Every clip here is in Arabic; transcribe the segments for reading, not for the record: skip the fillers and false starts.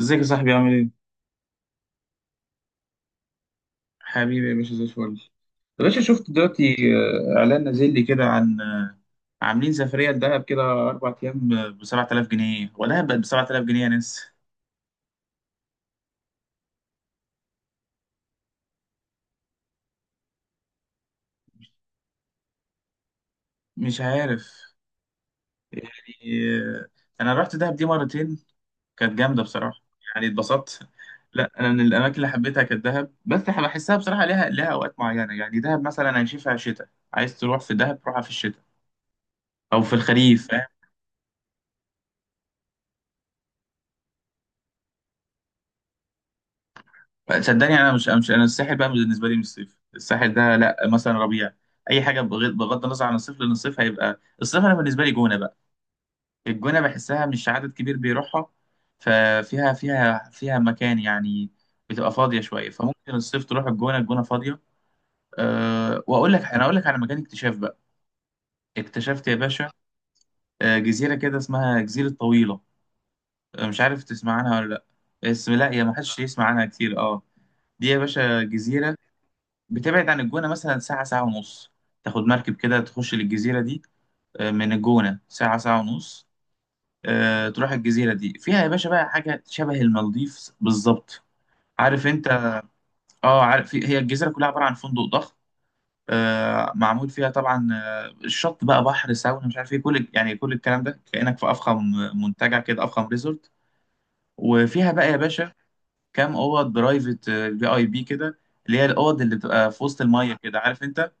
ازيك يا صاحبي؟ عامل ايه؟ حبيبي يا باشا، زي الفل. يا باشا شفت دلوقتي، اعلان نازل لي كده عن عاملين سفريه لدهب كده اربع ايام ب 7000 جنيه، ولا بقت ب 7000 جنيه يا ناس. مش عارف. يعني آه، انا رحت دهب دي مرتين، كانت جامده بصراحه، يعني اتبسطت. لا انا من الاماكن اللي حبيتها كانت دهب، بس بحسها بصراحه ليها اوقات معينه. يعني دهب مثلا هنشوفها شتاء، عايز تروح في دهب روحها في الشتاء او في الخريف. صدقني انا مش انا الساحل بقى بالنسبه لي مش صيف، الساحل ده لا، مثلا ربيع، اي حاجه بغض النظر عن الصيف، لان الصيف هيبقى الصيف. انا بالنسبه لي جونه بقى، الجونه بحسها مش عدد كبير بيروحها، ففيها فيها فيها مكان يعني، بتبقى فاضيه شويه، فممكن الصيف تروح الجونه، الجونه فاضيه. أه واقول لك، انا اقول لك على مكان اكتشاف بقى، اكتشفت يا باشا. أه جزيره كده اسمها جزيره طويله، مش عارف تسمع عنها ولا لا، اسم لا، يا ما حدش يسمع عنها كتير، اه. دي يا باشا جزيره بتبعد عن الجونة مثلا ساعة، ساعة ونص، تاخد مركب كده تخش للجزيرة دي. من الجونة ساعة، ساعة ونص. تروح الجزيرة دي، فيها يا باشا بقى حاجة شبه المالديف بالظبط، عارف انت. اه عارف، هي الجزيرة كلها عبارة عن فندق ضخم. معمول فيها طبعا الشط بقى، بحر، ساونا، مش عارف ايه، كل يعني كل الكلام ده كأنك في أفخم منتجع كده، أفخم ريزورت. وفيها بقى يا باشا كام أوض برايفت، في اي بي كده، اللي هي الأوض اللي بتبقى في وسط المية كده، عارف انت.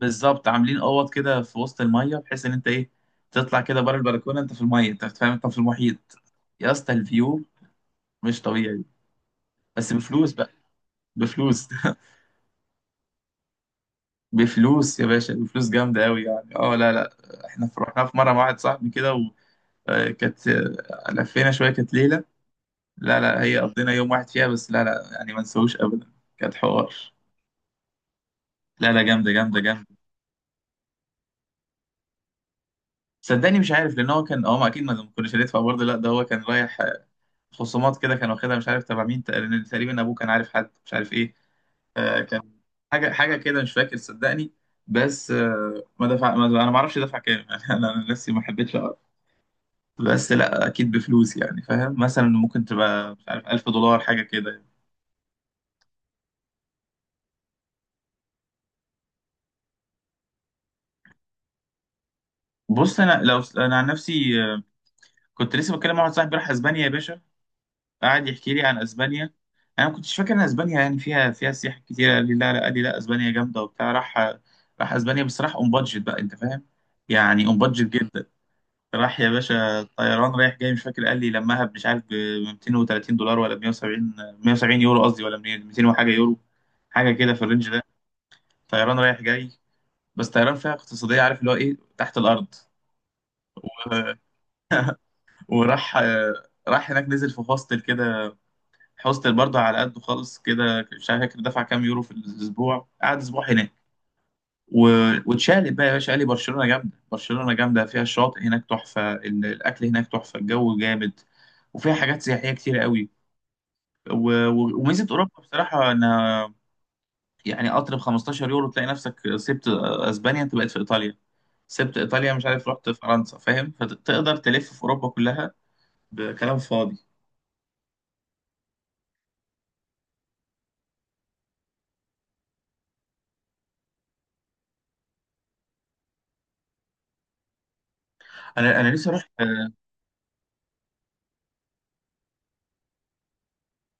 بالظبط، عاملين اوض كده في وسط الميه بحيث ان انت ايه، تطلع كده بره البلكونه انت في الميه، انت فاهم، انت في المحيط. يا اسطى الفيو مش طبيعي. بس بفلوس بقى، بفلوس بفلوس يا باشا، بفلوس جامده قوي يعني. اه لا لا، احنا رحنا في مره مع واحد صاحبي كده، وكانت، لفينا شويه، كانت ليله، لا لا، هي قضينا يوم واحد فيها بس، لا لا يعني ما نسويش ابدا. كانت حوار، لا لا جامده. صدقني مش عارف، لان هو كان، هو ما اكيد ما كناش هندفع برضه، لا ده هو كان رايح، خصومات كده كان واخدها، مش عارف تبع مين، تقريبا تقريباً ابوه كان عارف حد، مش عارف ايه. آه كان حاجه، حاجه كده مش فاكر صدقني. بس آه ما دفع، انا ما اعرفش دفع كام يعني انا أنا نفسي ما حبيتش اقرا. بس لا اكيد بفلوس يعني، فاهم، مثلا ممكن تبقى مش عارف 1000 دولار حاجه كده يعني. بص انا لو انا عن نفسي، كنت لسه بتكلم مع واحد صاحبي راح اسبانيا يا باشا، قعد يحكي لي عن اسبانيا. انا ما كنتش فاكر ان اسبانيا يعني فيها سياح كتير، قال لي لا لا، قال لي لا اسبانيا جامده وبتاع، راح اسبانيا، بس راح اون بادجت بقى، انت فاهم، يعني اون بادجت جدا. راح يا باشا طيران رايح جاي، مش فاكر قال لي لمها، مش عارف ب 230 دولار ولا 170، 170 يورو قصدي، ولا 200 وحاجه يورو، حاجه كده في الرينج ده، طيران رايح جاي، بس طيران فيها اقتصاديه، عارف اللي هو ايه، تحت الارض. و... وراح هناك، نزل في هوستل كده، حوستل برضه على قده خالص كده، مش عارف فاكر دفع كام يورو في الاسبوع، قعد اسبوع هناك. و... واتشقلب بقى يا باشا، قال لي برشلونه جامده، برشلونه جامده، فيها الشاطئ هناك تحفه، الاكل هناك تحفه، الجو جامد، وفيها حاجات سياحيه كتير قوي. و... وميزه اوروبا بصراحه انها يعني قطر ب 15 يورو تلاقي نفسك سبت اسبانيا، انت بقيت في ايطاليا، سبت ايطاليا، مش عارف، رحت فرنسا، فاهم، فتقدر تلف في اوروبا كلها بكلام فاضي. انا نفسي اروح.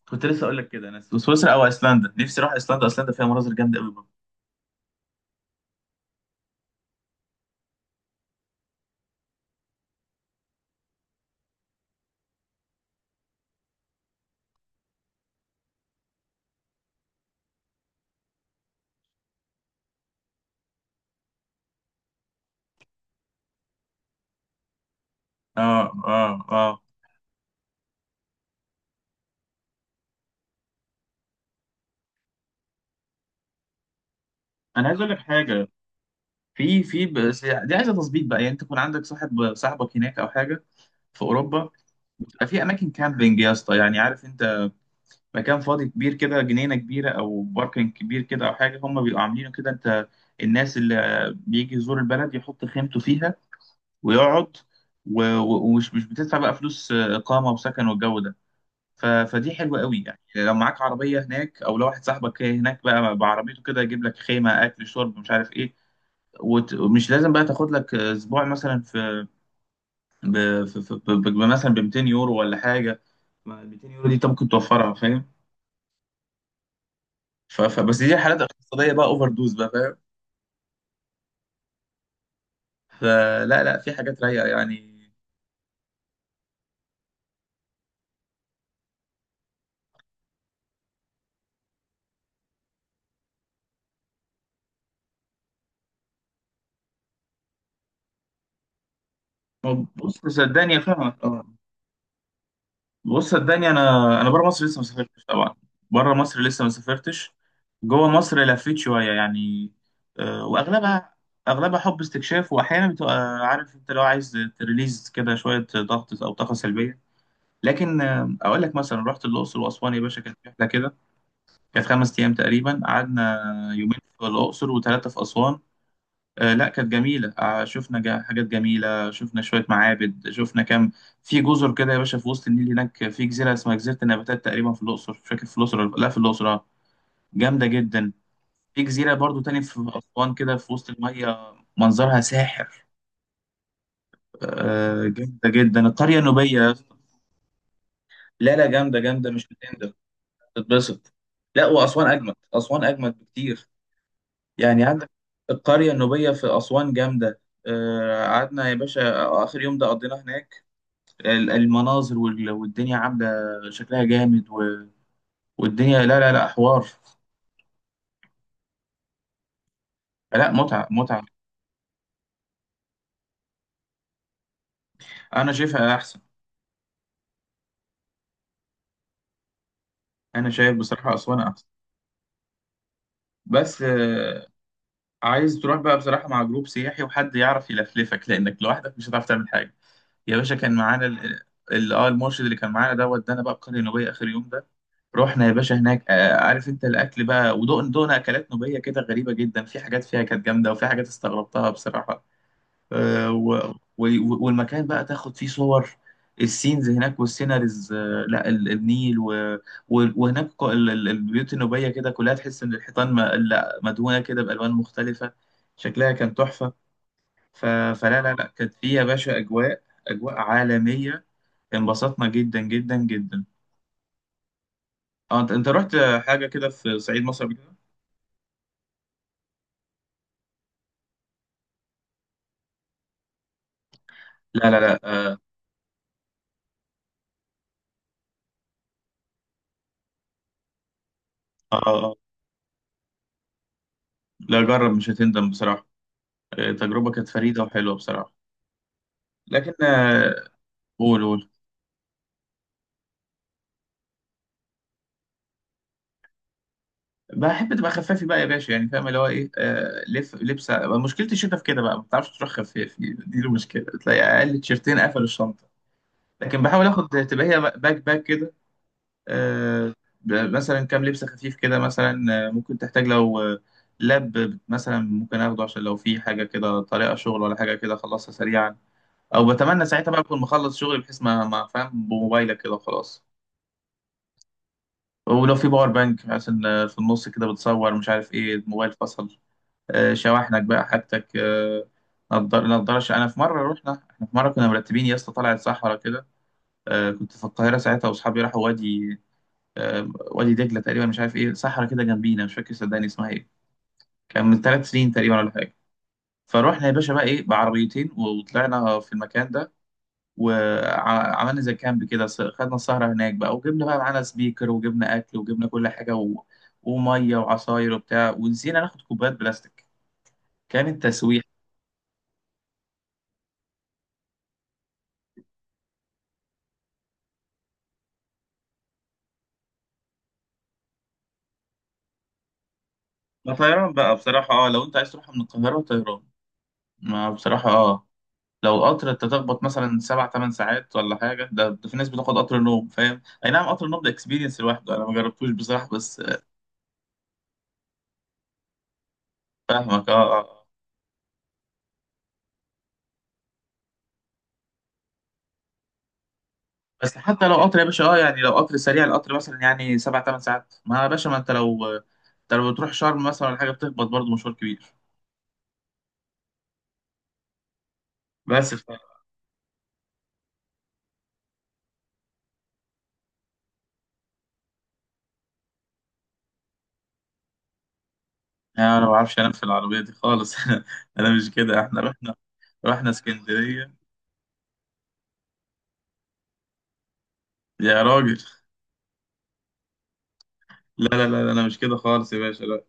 كنت لسه اقول لك كده، انا سويسرا او ايسلندا، نفسي اروح ايسلندا، ايسلندا فيها مناظر جامده قوي برضه. اه. انا عايز اقول لك حاجه، في بس دي عايزه تظبيط بقى، يعني انت تكون عندك صاحب، صاحبك هناك او حاجه في اوروبا، بتبقى في اماكن كامبينج يا اسطى، يعني عارف انت، مكان فاضي كبير كده، جنينه كبيره او باركنج كبير كده او حاجه، هم بيبقوا عاملينه كده، انت الناس اللي بيجي يزور البلد يحط خيمته فيها ويقعد، و- و- ومش مش بتدفع بقى فلوس اقامه وسكن والجو ده. فدي حلوه قوي يعني، لو معاك عربيه هناك، او لو واحد صاحبك هناك بقى بعربيته كده يجيب لك خيمه، اكل، شرب، مش عارف ايه. ومش لازم بقى تاخد لك اسبوع مثلا في ب... في... في... ب... ب... مثلا ب 200 يورو ولا حاجه، ما ال 200 يورو دي انت ممكن توفرها، فاهم. بس دي حالات اقتصاديه بقى، اوفر دوز بقى، فاهم. فلا لا، في حاجات رايقه يعني. بص صدقني فاهمك، بص صدقني انا، انا بره مصر لسه ما سافرتش طبعا، بره مصر لسه ما سافرتش. جوه مصر لفيت شويه يعني، واغلبها، اغلبها حب استكشاف، واحيانا بتبقى عارف انت لو عايز تريليز كده شويه ضغط او طاقه سلبيه. لكن اقول لك مثلا رحت الاقصر واسوان يا باشا، كانت رحله كده، كانت خمس ايام تقريبا قعدنا، يومين في الاقصر وثلاثه في اسوان. لا كانت جميلة، شفنا حاجات جميلة، شفنا شوية معابد، شفنا كام، في جزر كده يا باشا في وسط النيل هناك، في جزيرة اسمها جزيرة النباتات تقريبا في الأقصر، مش فاكر في الأقصر لا في الأقصر جامدة جدا. في جزيرة برضو تاني في أسوان كده في وسط المية منظرها ساحر. جامدة جدا القرية النوبية يا اسطى. لا لا جامدة مش هتندم، تتبسط. لا وأسوان أجمد، أسوان أجمد بكتير، يعني عندك القرية النوبية في أسوان جامدة. قعدنا يا باشا آخر يوم ده قضيناه هناك، المناظر والدنيا عامله، شكلها جامد، والدنيا لا لا لا حوار، لا متعه متعه. انا شايفها احسن، انا شايف بصراحه اسوان احسن. بس عايز تروح بقى بصراحه مع جروب سياحي، وحد يعرف يلفلفك، لانك لوحدك مش هتعرف تعمل حاجه. يا باشا كان معانا اه المرشد، اللي كان معانا ده ودانا بقى القريه النوبيه اخر يوم ده. رحنا يا باشا هناك، عارف انت الاكل بقى، ودقنا اكلات نوبيه كده غريبه جدا، في حاجات فيها كانت جامده، وفي حاجات استغربتها بصراحه. آه، و... والمكان بقى تاخد فيه صور، السينز هناك والسيناريز، لا النيل. وهناك البيوت النوبية كده كلها، تحس إن الحيطان لا مدهونة كده بألوان مختلفة، شكلها كان تحفة. ف... فلا لا لا، كانت فيه يا باشا أجواء، أجواء عالمية، انبسطنا جدا جدا جدا. اه انت، أنت رحت حاجة كده في صعيد مصر قبل كده؟ لا لا لا اه اه آه. لا جرب مش هتندم بصراحة، تجربة كانت فريدة وحلوة بصراحة. لكن قول قول. بحب تبقى خفافي بقى يا باشا، يعني فاهم، اللي هو ايه، آه لف لبسه، مشكله الشتا في كده بقى ما بتعرفش تروح خفافي، دي المشكله، تلاقي اقل تيشرتين قفلوا الشنطه. لكن بحاول اخد، تبقى هي باك باك كده. آه، مثلا كام لبسه خفيف كده مثلا، ممكن تحتاج لو لاب مثلا ممكن اخده، عشان لو في حاجه كده طريقه شغل ولا حاجه كده اخلصها سريعا، او بتمنى ساعتها بقى اكون مخلص شغل، بحيث ما فاهم بموبايلك كده وخلاص. ولو في باور بانك عشان في النص كده بتصور مش عارف ايه الموبايل فصل. شواحنك بقى حاجتك، نضار، نضارش. انا في مره رحنا، احنا في مره كنا مرتبين يا اسطى، طلعت صحرا كده، كنت في القاهره ساعتها، واصحابي راحوا وادي، وادي دجله تقريبا، مش عارف ايه، صحرا كده جنبينا مش فاكر صدقني اسمها ايه، كان من ثلاث سنين تقريبا ولا حاجه. فروحنا يا باشا بقى ايه بعربيتين، وطلعنا في المكان ده، وعملنا زي كامب كده، خدنا السهره هناك بقى، وجبنا بقى معانا سبيكر، وجبنا اكل، وجبنا كل حاجه، وميه وعصاير وبتاع، ونسينا ناخد كوبايات بلاستيك. كانت تسويحه. لا طيران بقى بصراحة، اه لو انت عايز تروح من القاهرة طيران. ما بصراحة اه لو قطر، انت تخبط مثلا سبع تمن ساعات ولا حاجة، ده، ده في ناس بتاخد قطر نوم، فاهم، اي نعم قطر النوم ده اكسبيرينس لوحده، انا ما جربتوش بصراحة، بس آه. فاهمك اه، اه آه. بس حتى لو قطر يا باشا، اه يعني لو قطر سريع، القطر مثلا يعني سبع تمن ساعات، ما يا باشا ما انت لو، انت لو بتروح شرم مثلا ولا حاجة بتخبط برضه مشوار كبير. بس انا ما بعرفش انام في العربية دي خالص انا مش كده، احنا رحنا، رحنا اسكندرية، يا راجل لا لا لا لا، انا مش كده خالص يا باشا لا.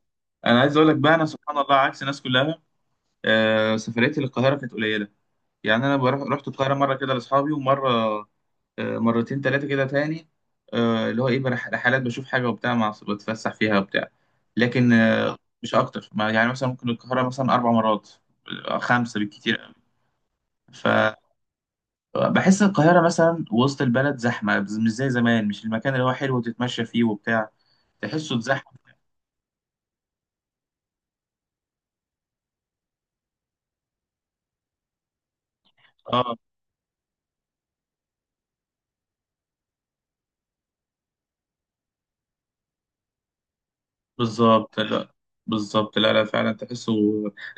انا عايز اقول لك بقى، انا سبحان الله عكس الناس كلها، آه سفريتي للقاهره كانت قليله، يعني انا بروح، رحت القاهره مره كده لاصحابي ومره، آه مرتين ثلاثه كده تاني، آه اللي هو ايه رحلات بشوف حاجه وبتاع، مع بتفسح فيها وبتاع. لكن آه مش اكتر، ما يعني مثلا ممكن القاهره مثلا اربع مرات، خمسه بالكتير. فبحس القاهره مثلا وسط البلد زحمه مش زي زمان، مش المكان اللي هو حلو تتمشى فيه وبتاع، تحسه اتزحم. اه بالظبط لا، بالظبط لا لا فعلا تحسه.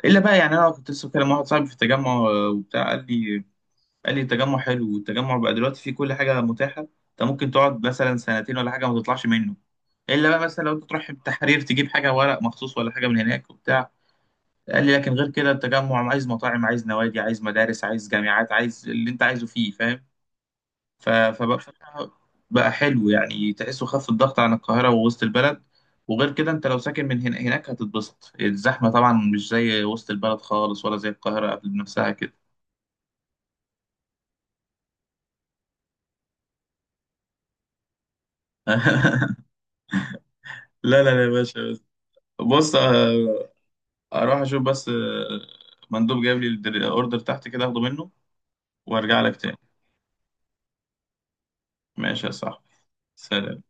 الا بقى، يعني انا كنت لسه بكلم واحد صاحبي في التجمع، وبتاع قال لي، قال لي التجمع حلو، والتجمع بقى دلوقتي فيه كل حاجه متاحه، انت ممكن تقعد مثلا سنتين ولا حاجه ما تطلعش منه، الا بقى مثلا لو انت تروح التحرير تجيب حاجه ورق مخصوص ولا حاجه من هناك وبتاع. قال لي لكن غير كده التجمع، عايز مطاعم، عايز نوادي، عايز مدارس، عايز جامعات، عايز اللي انت عايزه فيه، فاهم. فبقى بقى حلو، يعني تحسه خف الضغط عن القاهرة ووسط البلد، وغير كده انت لو ساكن من هنا هناك هتتبسط، الزحمة طبعا مش زي وسط البلد خالص، ولا زي القاهرة قبل نفسها كده. لا لا لا يا باشا بس. بص اروح اشوف بس، مندوب جايب لي الاوردر تحت كده اخده منه، وارجع لك تاني. ماشي يا صاحبي، سلام.